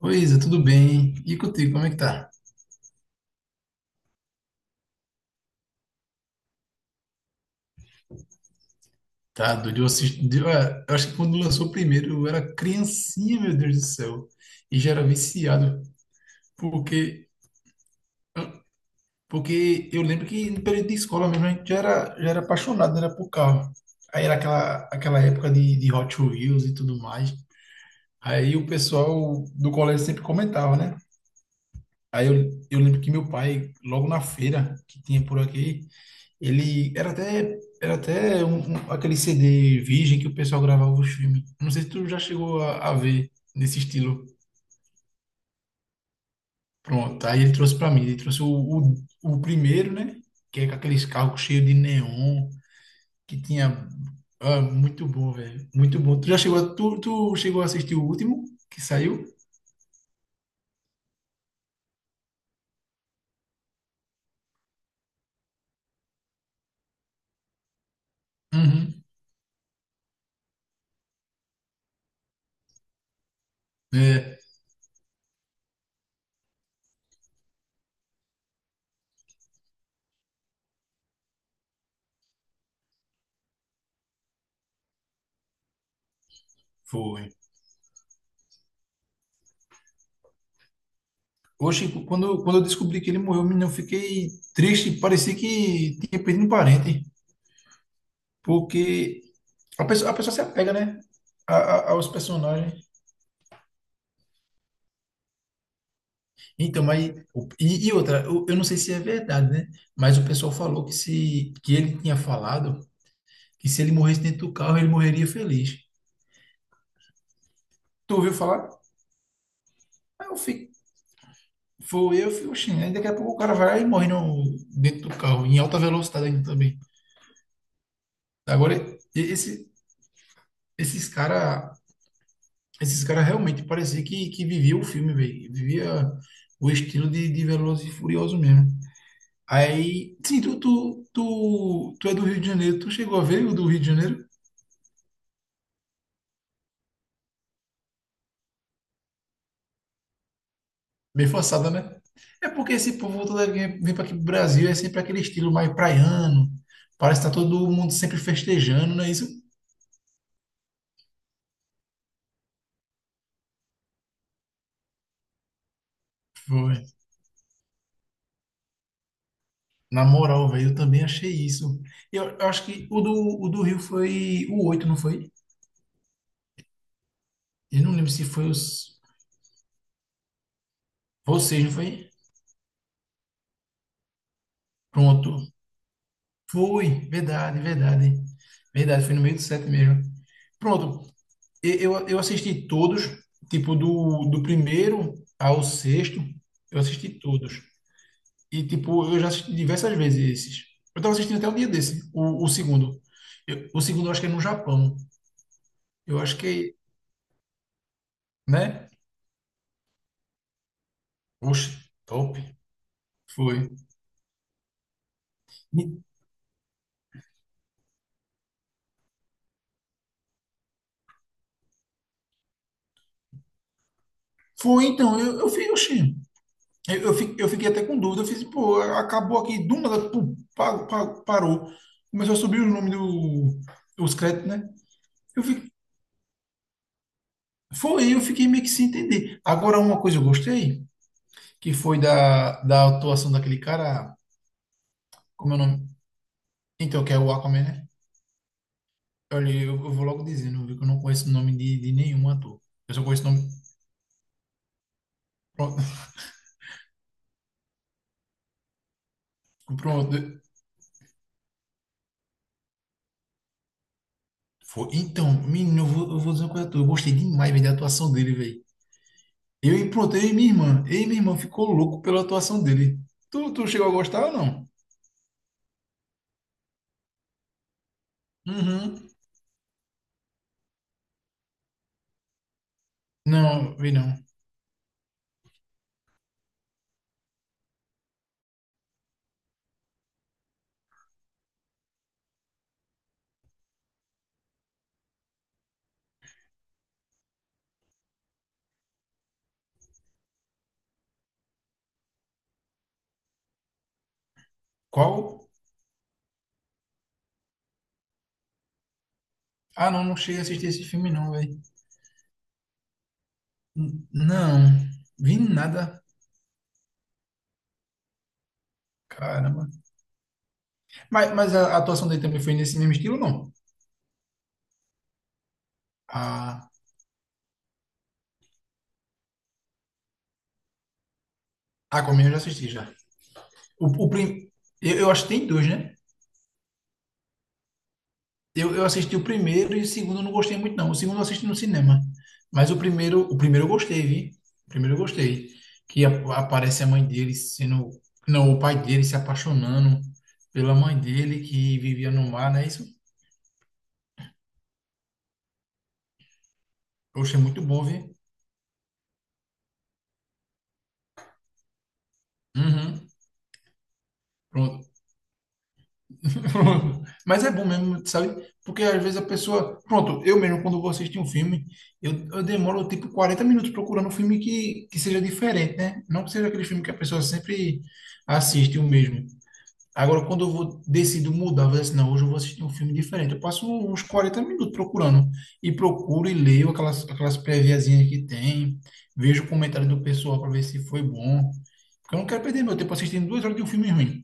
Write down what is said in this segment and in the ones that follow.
Oi, Isa, tudo bem? E contigo, como é que tá? Tá doido, eu assisti, eu acho que quando lançou o primeiro eu era criancinha, meu Deus do céu, e já era viciado, porque, ah, porque eu lembro que no período de escola mesmo a gente já era apaixonado, né, era por carro. Aí era aquela, aquela época de Hot Wheels e tudo mais, aí o pessoal do colégio sempre comentava, né? Aí eu, eu lembro que meu pai, logo na feira que tinha por aqui, ele era até aquele CD virgem que o pessoal gravava os filmes. Não sei se tu já chegou a ver nesse estilo. Pronto, aí ele trouxe para mim. Ele trouxe o primeiro, né? Que é com aqueles carros cheios de neon, que tinha. Ah, muito bom, velho. Muito bom. Tu já chegou a, tu chegou a assistir o último que saiu? Uhum. É, foi. Oxe, quando, quando eu descobri que ele morreu, menino, eu fiquei triste. Parecia que tinha perdido um parente. Porque a pessoa, a pessoa se apega, né? Aos personagens. Então, mas e outra, eu não sei se é verdade, né? Mas o pessoal falou que se que ele tinha falado que se ele morresse dentro do carro, ele morreria feliz. Tu ouviu falar? Aí eu fico. Foi eu, fico, oxi, aí daqui a pouco o cara vai lá e morre no, dentro do carro, em alta velocidade ainda também. Agora, e- esse, esses cara, esses cara realmente parecia que vivia o filme, velho. Vivia o estilo de Velozes e Furiosos mesmo. Aí, sim, tu é do Rio de Janeiro, tu chegou a ver o do Rio de Janeiro? Bem forçada, né? É porque esse povo todo ele vem para aqui pro Brasil, é sempre aquele estilo mais praiano, parece que tá todo mundo sempre festejando, não é isso? Foi. Na moral, velho, eu também achei isso. Eu acho que o do Rio foi o 8, não foi? Eu não lembro se foi os... Vocês, não foi? Pronto. Foi, verdade, verdade. Verdade, foi no meio do 7 mesmo. Pronto. Eu assisti todos, tipo, do primeiro ao sexto, eu assisti todos. E, tipo, eu já assisti diversas vezes esses. Eu tava assistindo até um dia desse, o segundo. O segundo eu acho que é no Japão. Eu acho que, né? Oxe, top. Foi. E- Foi, então, eu fiz, oxi. Eu fiquei até com dúvida. Eu fiz, pô, acabou aqui, do nada, pum, parou. Começou a subir o nome os créditos, né? Eu fiquei, foi, eu fiquei meio que sem entender. Agora, uma coisa eu gostei, que foi da atuação daquele cara, como é o nome? Então, que é o Aquaman, né? Olha, eu vou logo dizendo, viu, que eu não conheço o nome de nenhum ator. Eu só conheço o nome. Pronto. Pronto. Foi. Então, menino, eu vou dizer uma coisa a tu. Eu gostei demais, velho, da atuação dele, velho. Eu e pronto, eu e minha irmã. Eu e minha irmã ficou louco pela atuação dele. Tu, tu chegou a gostar ou não? Uhum. Não, vi não. Qual? Ah, não, não cheguei a assistir esse filme, não, velho. Não, vi nada. Caramba. Mas a atuação dele também foi nesse mesmo estilo, não? Ah, a Aquaman eu já assisti já. O, o prim... eu acho que tem dois, né? Eu assisti o primeiro e o segundo eu não gostei muito, não. O segundo eu assisti no cinema. Mas o primeiro eu gostei, vi? O primeiro eu gostei. Que aparece a mãe dele sendo. Não, o pai dele se apaixonando pela mãe dele que vivia no mar, não é isso? Eu achei muito bom, vi? Uhum. Pronto. Pronto. Mas é bom mesmo, sabe? Porque às vezes a pessoa. Pronto, eu mesmo, quando vou assistir um filme, eu demoro tipo 40 minutos procurando um filme que seja diferente, né? Não que seja aquele filme que a pessoa sempre assiste o mesmo. Agora, quando eu vou, decido mudar, vou dizer assim, não, hoje eu vou assistir um filme diferente. Eu passo uns 40 minutos procurando. E procuro e leio aquelas, aquelas préviazinhas que tem, vejo o comentário do pessoal para ver se foi bom. Porque eu não quero perder meu tempo assistindo duas horas de um filme ruim.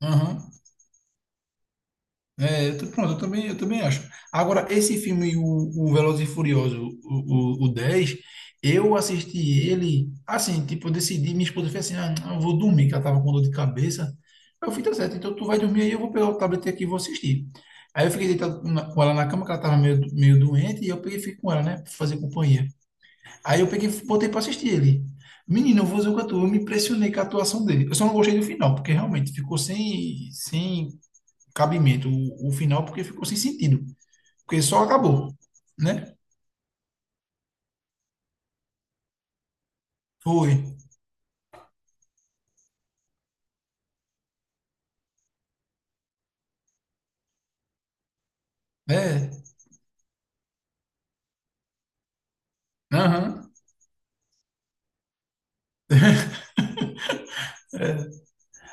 Aham. Pronto, eu também acho. Agora, esse filme, o Velozes e Furioso o 10 eu assisti ele, assim, tipo, eu decidi, minha esposa fez assim, ah, não, eu vou dormir, que ela tava com dor de cabeça. Eu falei, tá certo, então tu vai dormir aí, eu vou pegar o tablet aqui e vou assistir. Aí eu fiquei deitado com ela na cama, que ela tava meio, meio doente, e eu peguei e fiquei com ela, né, pra fazer companhia. Aí eu peguei e botei pra assistir ele. Menino, eu vou dizer o que eu tô, eu me impressionei com a atuação dele. Eu só não gostei do final, porque realmente ficou sem, sem cabimento o final, porque ficou sem sentido. Porque só acabou, né? Foi. É. Aham. É.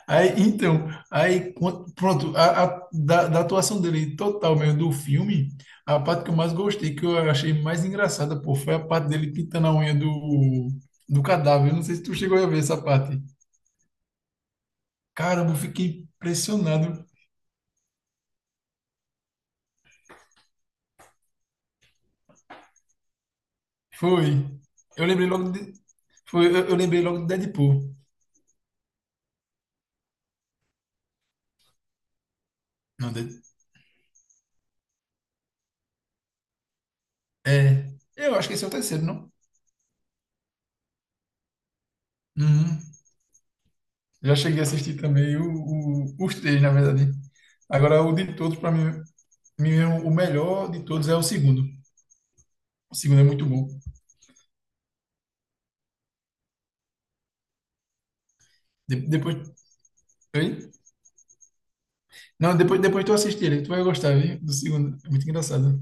Aí, então, aí, quan- pronto, da atuação dele total mesmo do filme, a parte que eu mais gostei, que eu achei mais engraçada, pô, foi a parte dele pintando a unha do cadáver. Eu não sei se tu chegou a ver essa parte. Caramba, eu fiquei impressionado. Foi. Eu lembrei logo de, eu lembrei logo de Deadpool. Não, Dead- é. Eu acho que esse é o terceiro, não? Uhum. Já cheguei a assistir também os três, na verdade. Agora, o de todos, para mim, é o melhor de todos é o segundo. O segundo é muito bom. De- depois. Oi? Não, depois, depois tu assistir ele, tu vai gostar, viu? Do segundo. É muito engraçado.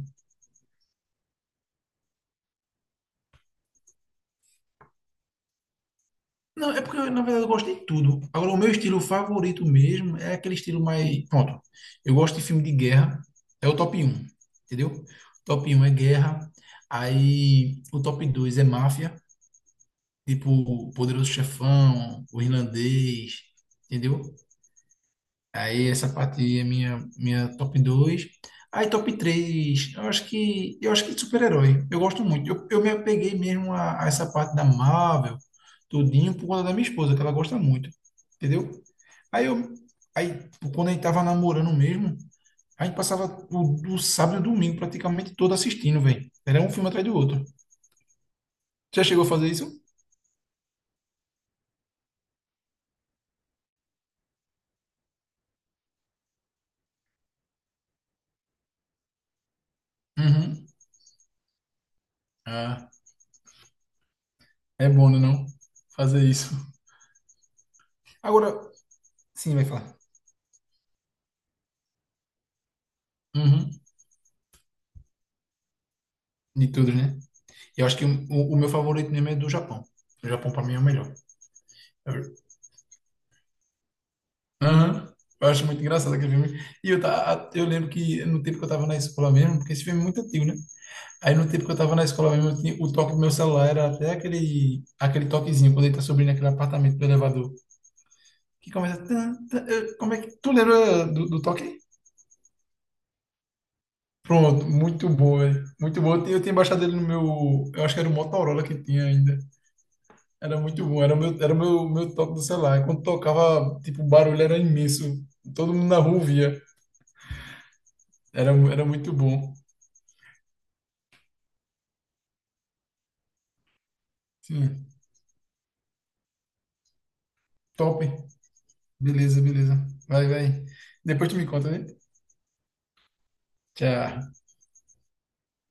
Não, é porque, na verdade, eu gosto de tudo. Agora, o meu estilo favorito mesmo é aquele estilo mais. Pronto. Eu gosto de filme de guerra. É o top um entendeu? O top um é guerra. Aí o top 2 é máfia. Tipo Poderoso Chefão, o Irlandês, entendeu? Aí essa parte aí é minha, minha top 2. Aí top 3, eu acho que super-herói. Eu gosto muito. Eu me apeguei mesmo a essa parte da Marvel, tudinho, por conta da minha esposa, que ela gosta muito. Entendeu? Aí eu aí quando a gente tava namorando mesmo, a gente passava do sábado e domingo praticamente todo assistindo, velho. Era um filme atrás do outro. Já chegou a fazer isso? Uhum. É bom, né, não? Fazer isso. Agora, sim, vai falar. Uhum. De tudo, né? Eu acho que o meu favorito mesmo é do Japão. O Japão, pra mim, é o melhor. Eu, aham. Eu acho muito engraçado aquele filme. Eu lembro que no tempo que eu tava na escola mesmo, porque esse filme é muito antigo, né? Aí no tempo que eu tava na escola mesmo, o toque do meu celular era até aquele, aquele toquezinho, quando ele tá subindo aquele apartamento do elevador. Que começa. Tan, tan, como é que. Tu lembra do toque? Pronto, muito boa, velho. Muito boa. Eu tinha baixado ele no meu, eu acho que era o Motorola que tinha ainda. Era muito bom, era o meu, meu toque do celular. E quando tocava, tipo, o barulho era imenso. Todo mundo na rua via. Era, era muito bom. Sim, top. Beleza, beleza. Vai, vai. Depois tu me conta, né? Tchau.